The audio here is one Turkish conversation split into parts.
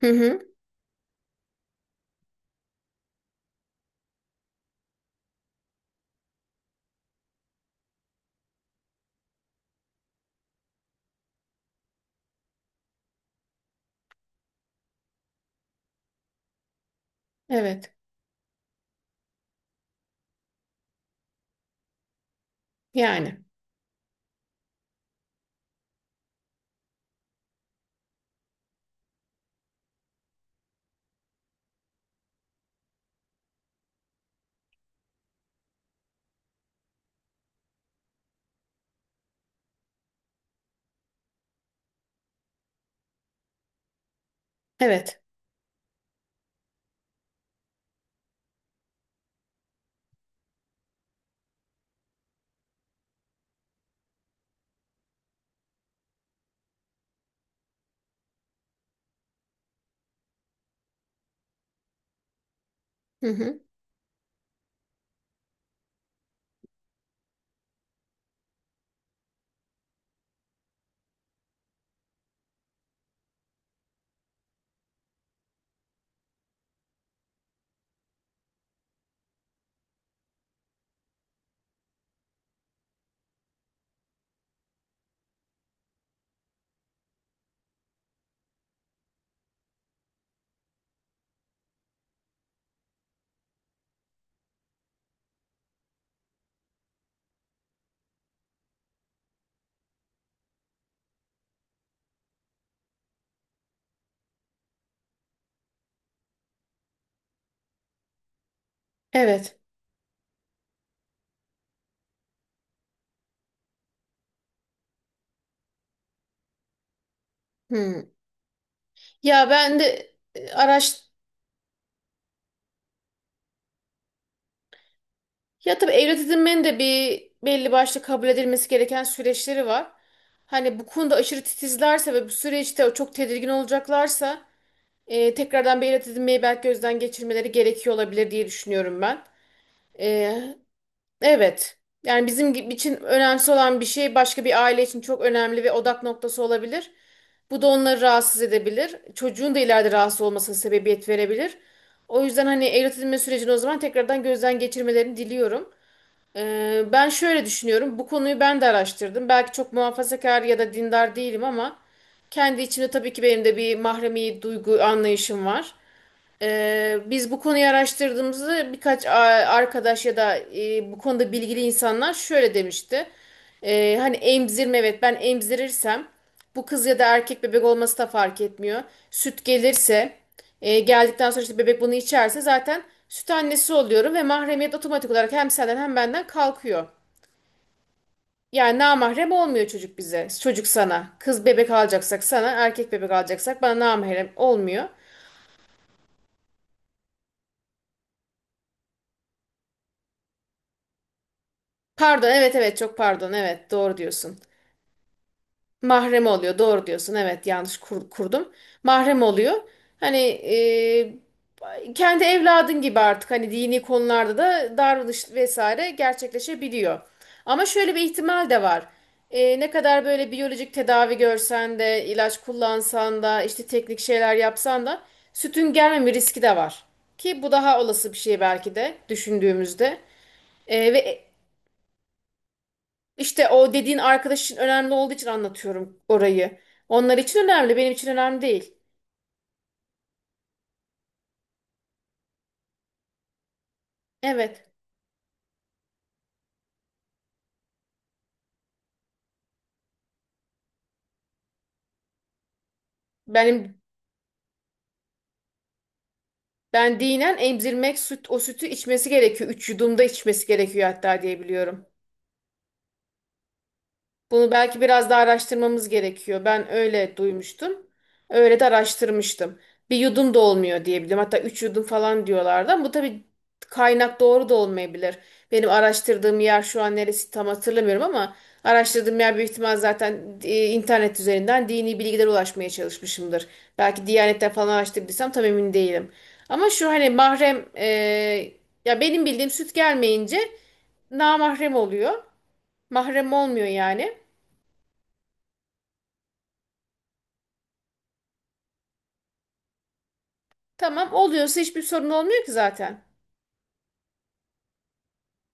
Hı hı. Evet. Yani. Evet. Hı hı. Evet. Hı. Ya ben de araç ya tabii evlat edinmenin de bir belli başlı kabul edilmesi gereken süreçleri var. Hani bu konuda aşırı titizlerse ve bu süreçte çok tedirgin olacaklarsa tekrardan bir evlat edinmeyi belki gözden geçirmeleri gerekiyor olabilir diye düşünüyorum ben. E, Evet. Yani için önemsiz olan bir şey başka bir aile için çok önemli ve odak noktası olabilir. Bu da onları rahatsız edebilir. Çocuğun da ileride rahatsız olmasına sebebiyet verebilir. O yüzden hani evlat edinme sürecini o zaman tekrardan gözden geçirmelerini diliyorum. Ben şöyle düşünüyorum. Bu konuyu ben de araştırdım. Belki çok muhafazakar ya da dindar değilim ama kendi içimde tabii ki benim de bir mahremi duygu anlayışım var. Biz bu konuyu araştırdığımızda arkadaş ya da bu konuda bilgili insanlar şöyle demişti. Hani emzirme, evet, ben emzirirsem bu kız ya da erkek bebek olması da fark etmiyor. Süt gelirse geldikten sonra işte bebek bunu içerse zaten süt annesi oluyorum ve mahremiyet otomatik olarak hem senden hem benden kalkıyor. Yani namahrem olmuyor çocuk bize. Çocuk sana. Kız bebek alacaksak sana, erkek bebek alacaksak bana namahrem olmuyor. Pardon, evet, evet, çok pardon. Evet, doğru diyorsun. Mahrem oluyor. Doğru diyorsun. Evet, yanlış kurdum. Mahrem oluyor. Hani kendi evladın gibi artık hani dini konularda da davranış vesaire gerçekleşebiliyor. Ama şöyle bir ihtimal de var. Ne kadar böyle biyolojik tedavi görsen de, ilaç kullansan da, işte teknik şeyler yapsan da sütün gelmeme riski de var. Ki bu daha olası bir şey belki de düşündüğümüzde. Ve işte o dediğin arkadaşın önemli olduğu için anlatıyorum orayı. Onlar için önemli, benim için önemli değil. Evet. Benim Ben dinen emzirmek süt o sütü içmesi gerekiyor. Üç yudumda içmesi gerekiyor hatta diye biliyorum. Bunu belki biraz daha araştırmamız gerekiyor. Ben öyle duymuştum. Öyle de araştırmıştım. Bir yudum da olmuyor diyebilirim. Hatta üç yudum falan diyorlardı ama bu tabii kaynak doğru da olmayabilir. Benim araştırdığım yer şu an neresi tam hatırlamıyorum ama araştırdığım yer büyük ihtimal zaten internet üzerinden dini bilgilere ulaşmaya çalışmışımdır. Belki Diyanet'ten falan araştırdıysam tam emin değilim. Ama şu hani ya benim bildiğim süt gelmeyince namahrem oluyor. Mahrem olmuyor yani. Tamam, oluyorsa hiçbir sorun olmuyor ki zaten.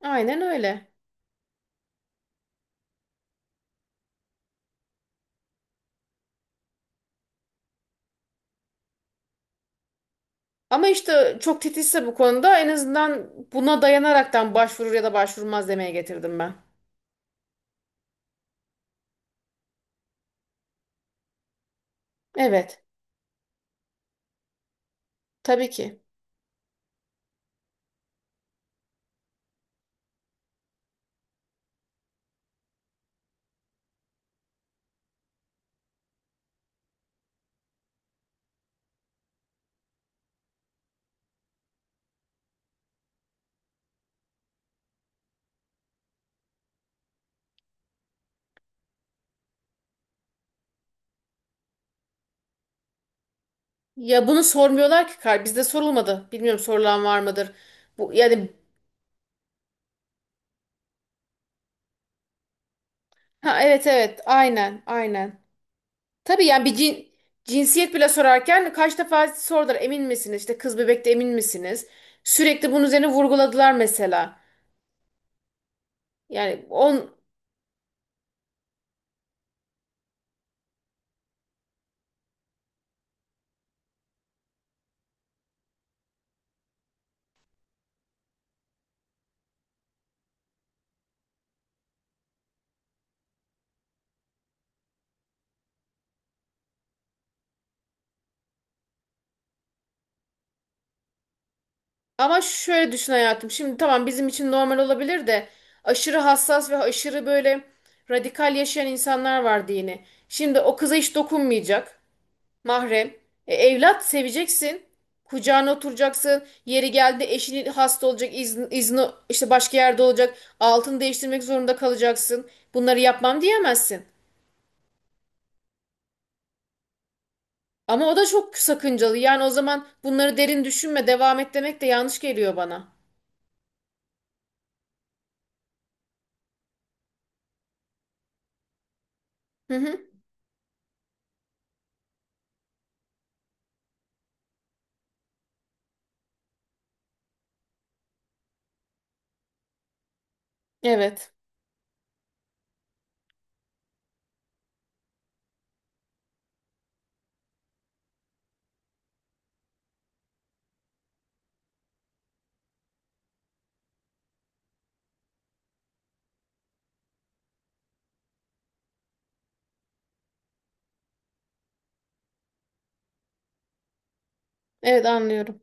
Aynen öyle. Ama işte çok titizse bu konuda en azından buna dayanaraktan başvurur ya da başvurmaz demeye getirdim ben. Evet, tabii ki. Ya bunu sormuyorlar ki, kar bizde sorulmadı. Bilmiyorum, sorulan var mıdır? Bu yani ha evet, evet, aynen, aynen. Tabii yani cinsiyet bile sorarken kaç defa sordular emin misiniz? İşte kız bebekte emin misiniz? Sürekli bunun üzerine vurguladılar mesela. Yani on Ama şöyle düşün hayatım. Şimdi tamam, bizim için normal olabilir de aşırı hassas ve aşırı böyle radikal yaşayan insanlar vardı yine. Şimdi o kıza hiç dokunmayacak. Mahrem. Evlat seveceksin. Kucağına oturacaksın. Yeri geldi, eşinin hasta olacak, izni işte başka yerde olacak. Altını değiştirmek zorunda kalacaksın. Bunları yapmam diyemezsin. Ama o da çok sakıncalı. Yani o zaman bunları derin düşünme, devam et demek de yanlış geliyor bana. Hı hı. Evet. Evet, anlıyorum.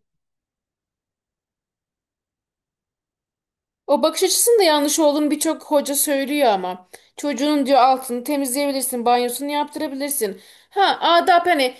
O bakış açısının da yanlış olduğunu birçok hoca söylüyor ama. Çocuğun diyor altını temizleyebilirsin, banyosunu yaptırabilirsin. Ha adap hani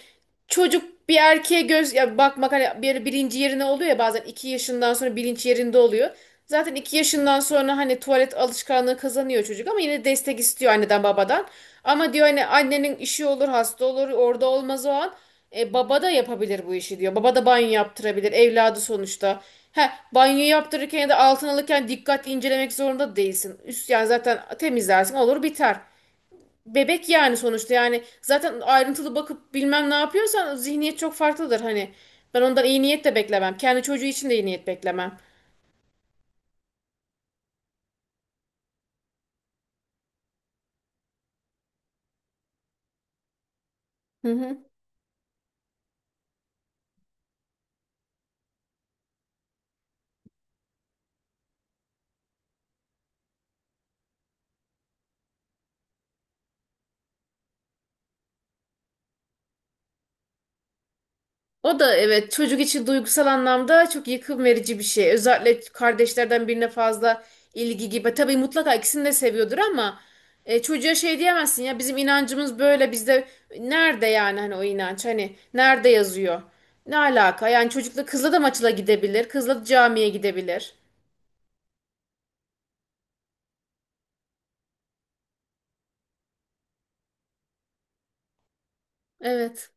çocuk bir erkeğe göz ya bakmak hani bir, bilinci yerine oluyor ya bazen iki yaşından sonra bilinç yerinde oluyor. Zaten iki yaşından sonra hani tuvalet alışkanlığı kazanıyor çocuk ama yine destek istiyor anneden babadan. Ama diyor hani annenin işi olur, hasta olur, orada olmaz o an. Baba da yapabilir bu işi diyor. Baba da banyo yaptırabilir. Evladı sonuçta. He, banyo yaptırırken ya da altın alırken dikkat incelemek zorunda değilsin. Üst yani zaten temizlersin olur biter. Bebek yani sonuçta yani zaten ayrıntılı bakıp bilmem ne yapıyorsan zihniyet çok farklıdır hani. Ben ondan iyi niyet de beklemem. Kendi çocuğu için de iyi niyet beklemem. Hı hı. O da evet, çocuk için duygusal anlamda çok yıkım verici bir şey. Özellikle kardeşlerden birine fazla ilgi gibi. Tabii mutlaka ikisini de seviyordur ama çocuğa şey diyemezsin ya bizim inancımız böyle, bizde nerede yani, hani o inanç hani nerede yazıyor? Ne alaka? Yani çocukla kızla da maçla gidebilir. Kızla da camiye gidebilir. Evet.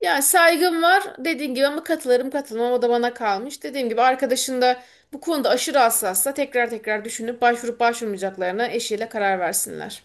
Ya saygım var dediğin gibi, ama katılırım katılmam o da bana kalmış. Dediğim gibi arkadaşın da bu konuda aşırı hassassa tekrar tekrar düşünüp başvurup başvurmayacaklarına eşiyle karar versinler.